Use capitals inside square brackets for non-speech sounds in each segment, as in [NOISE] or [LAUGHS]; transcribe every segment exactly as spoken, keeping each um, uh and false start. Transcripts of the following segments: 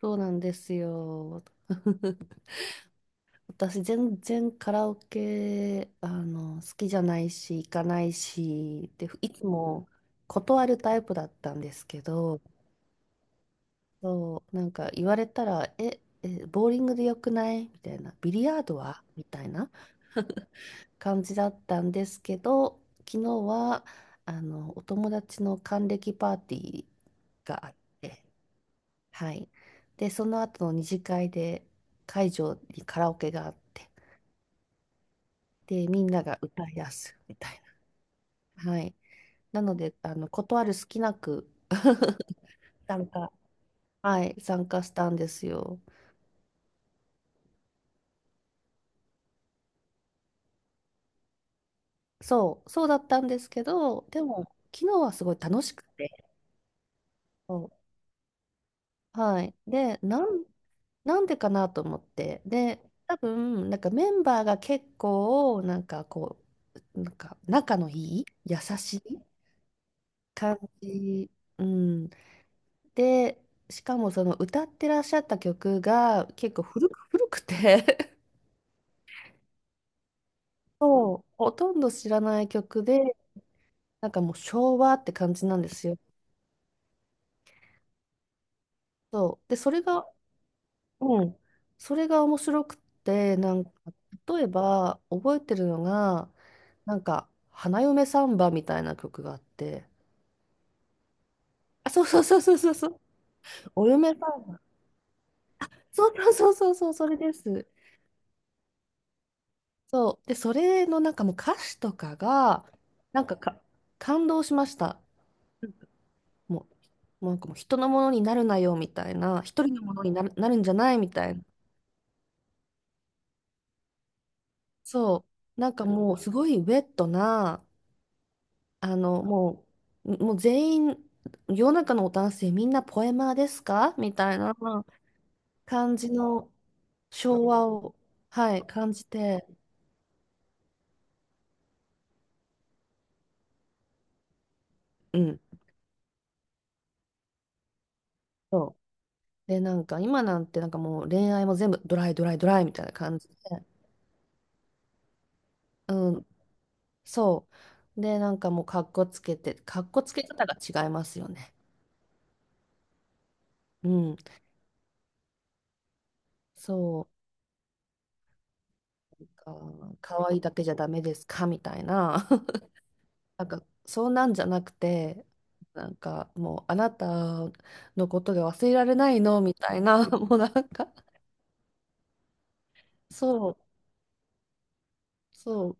そうなんですよ。[LAUGHS] 私、全然カラオケ、あの、好きじゃないし、行かないし、で、いつも断るタイプだったんですけど、そう、なんか言われたら、え、え、ボーリングでよくないみたいな、ビリヤードはみたいな感じだったんですけど、昨日は、あの、お友達の還暦パーティーがあって、はい。で、その後の二次会で会場にカラオケがあって、で、みんなが歌い出すみたいな。はい。なので、あの、断る隙なく [LAUGHS] 参加、はい、参加したんですよ。そう、そうだったんですけど、でも、昨日はすごい楽しくて、そう、はい。で、なん、なんでかなと思って、で、多分、なんかメンバーが結構、なんかこう、なんか仲のいい、優しい感じ。うん。で、しかもその歌ってらっしゃった曲が結構古く、古くて、 [LAUGHS] そう、[LAUGHS] ほとんど知らない曲で、なんかもう昭和って感じなんですよ。そう。で、それが、うん。それが面白くって、なんか、例えば覚えてるのが、なんか、花嫁サンバみたいな曲があって、あ、そうそうそうそうそうそう。お嫁さん。そうそうそうそうそう、それです。そう。で、それのなんかもう歌詞とかが、なんか、か、感動しました。もう、もうなんかもう人のものになるなよみたいな、一人のものになる、なるんじゃないみたいな。そう。なんかもうすごいウェットな、あの、もう、もう全員、世の中の男性みんなポエマーですかみたいな感じの昭和を、はい、感じて、うん。そう。で、なんか今なんてなんかもう恋愛も全部ドライドライドライみたいな感じで。うん、そう。で、なんかもう、かっこつけて、かっこつけ方が違いますよね。うん、そう。なんか可愛いだけじゃダメですかみたいな。[LAUGHS] なんか、そうなんじゃなくて、なんかもう、あなたのことが忘れられないのみたいな、[LAUGHS] もうなんか、そう、そう、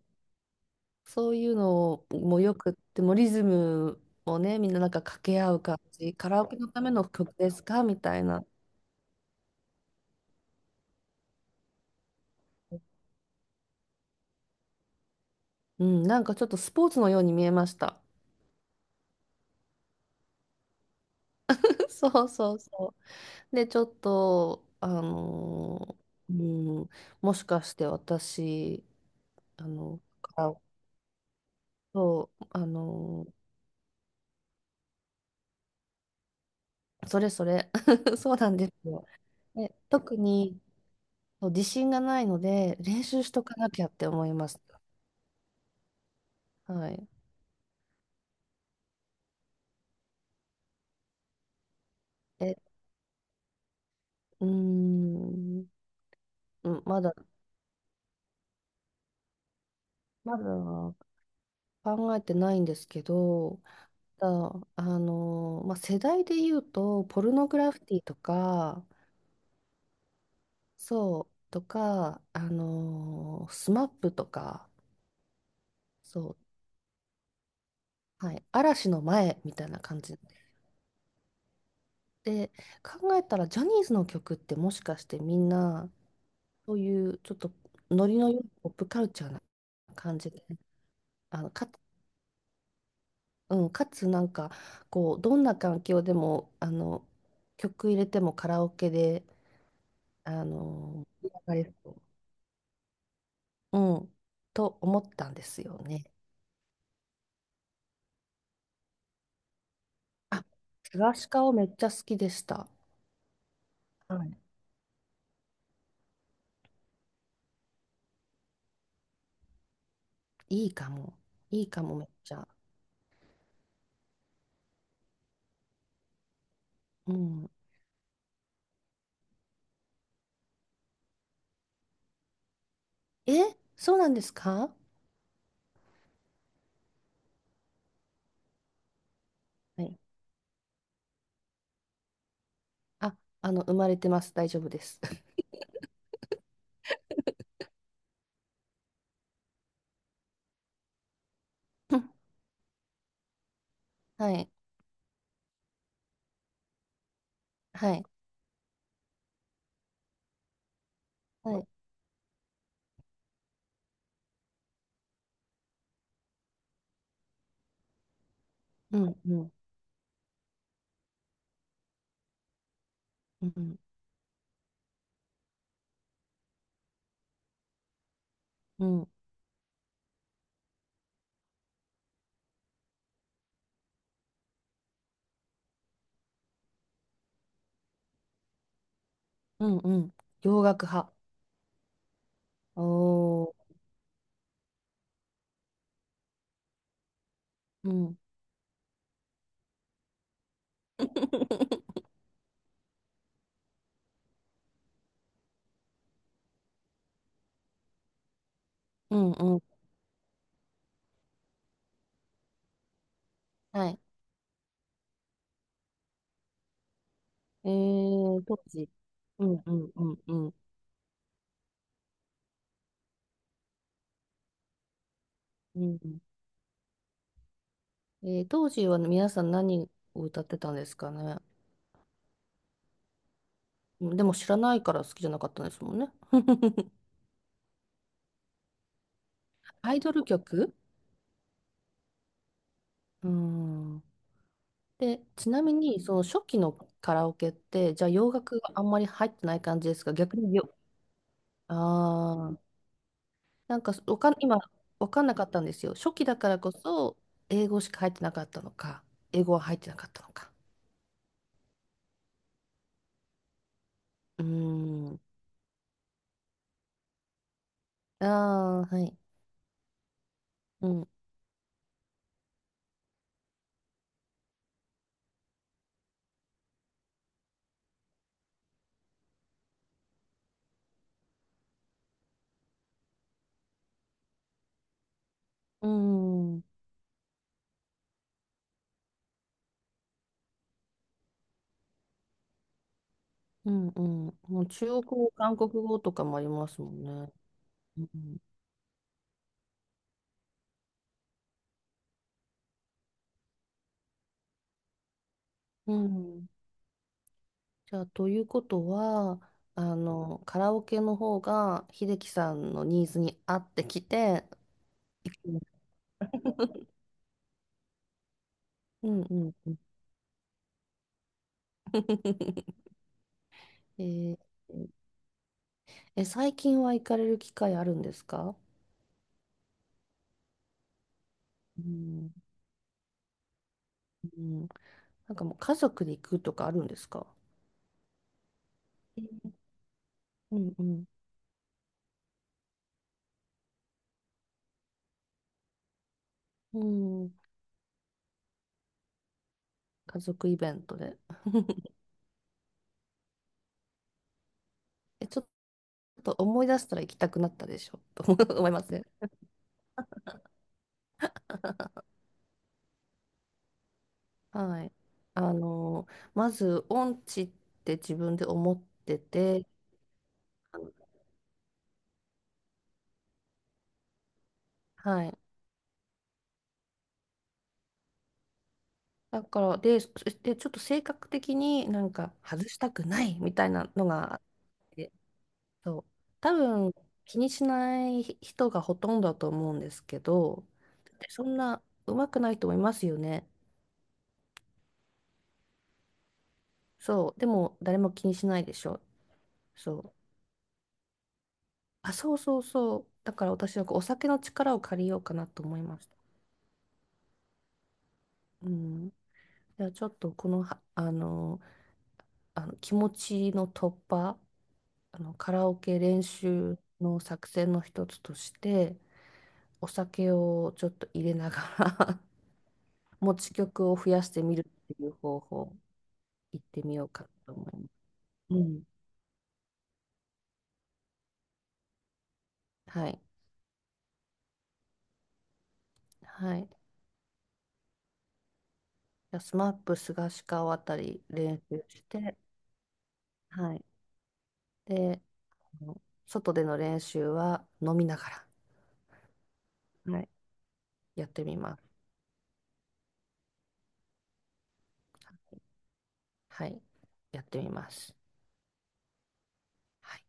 そういうのもよくって、もうリズムをね、みんななんか掛け合う感じ、カラオケのための曲ですかみたいな。うん、なんかちょっとスポーツのように見えました。[LAUGHS] そうそうそう。で、ちょっと、あのー、うん、もしかして私、あの、からそう、あのー、それそれ、[LAUGHS] そうなんですよ。で、特にそう自信がないので、練習しとかなきゃって思います。はい。え、うーん、うん、まだ、まだ考えてないんですけど、ただ、あのー、まあ、世代で言うと、ポルノグラフィティとか、そう、とか、あのー、スマップとか、そう、はい、嵐の前みたいな感じで、考えたら、ジャニーズの曲ってもしかしてみんな、そういうちょっとノリの良いポップカルチャーな感じで、あの、か、うん、かつなんか、こう、どんな環境でも、あの、曲入れてもカラオケで、あのー、盛り上がれそう、うん、と思ったんですよね。あ、スガシカオめっちゃ好きでした。はい、いいかも。いいかも、めっちゃ。うん。え、そうなんですか？はい。あ、あの、生まれてます。大丈夫です。[LAUGHS] はい。はい。はい。うん、うん、うん、うん、うん、うん。洋楽派。おー。うん。[LAUGHS] うん、うん。はい。えー、当時。うん、うん、うん、うん。うんうん。えー、当時は皆さん何を歌ってたんですかね。うん、でも知らないから好きじゃなかったんですもんね。[LAUGHS] アイドル曲。うーん。で、ちなみに、その初期のカラオケって、じゃあ洋楽があんまり入ってない感じですか？逆によ、ああ、なんかわかん、今、わかんなかったんですよ。初期だからこそ、英語しか入ってなかったのか、英語は入ってなかったのか。うーん。ああ、はい。うん。うん。うんうん。もう中国語、韓国語とかもありますもんね。うん。うん。じゃあ、ということは、あの、カラオケの方が、秀樹さんのニーズに合ってきて、行くうんうんうん。[LAUGHS] えーえ、最近は行かれる機会あるんですか？うん、うん。なんかもう家族で行くとかあるんですか？えーうんうん。うん。家族イベントで。え、ちょっと思い出したら行きたくなったでしょと思 [LAUGHS] 思いますね。はい。あの、まず、音痴って自分で思ってて、はい。だから、で、そしてちょっと性格的になんか外したくないみたいなのがあって、そう、多分気にしない人がほとんどだと思うんですけど、で、そんな上手くない人もいますよね。そう、でも誰も気にしないでしょ。そう。あ、そうそうそう。だから私はこうお酒の力を借りようかなと思いました。うん。じゃあちょっとこのは、あの、あの気持ちの突破あのカラオケ練習の作戦の一つとしてお酒をちょっと入れながら [LAUGHS] 持ち曲を増やしてみるっていう方法行ってみようかと思います。うん。はい。はい。じゃあスマップ菅氏顔あたり練習して、はい。で、あの外での練習は飲みながら、はい、やってみます。はい。やってみます。はい。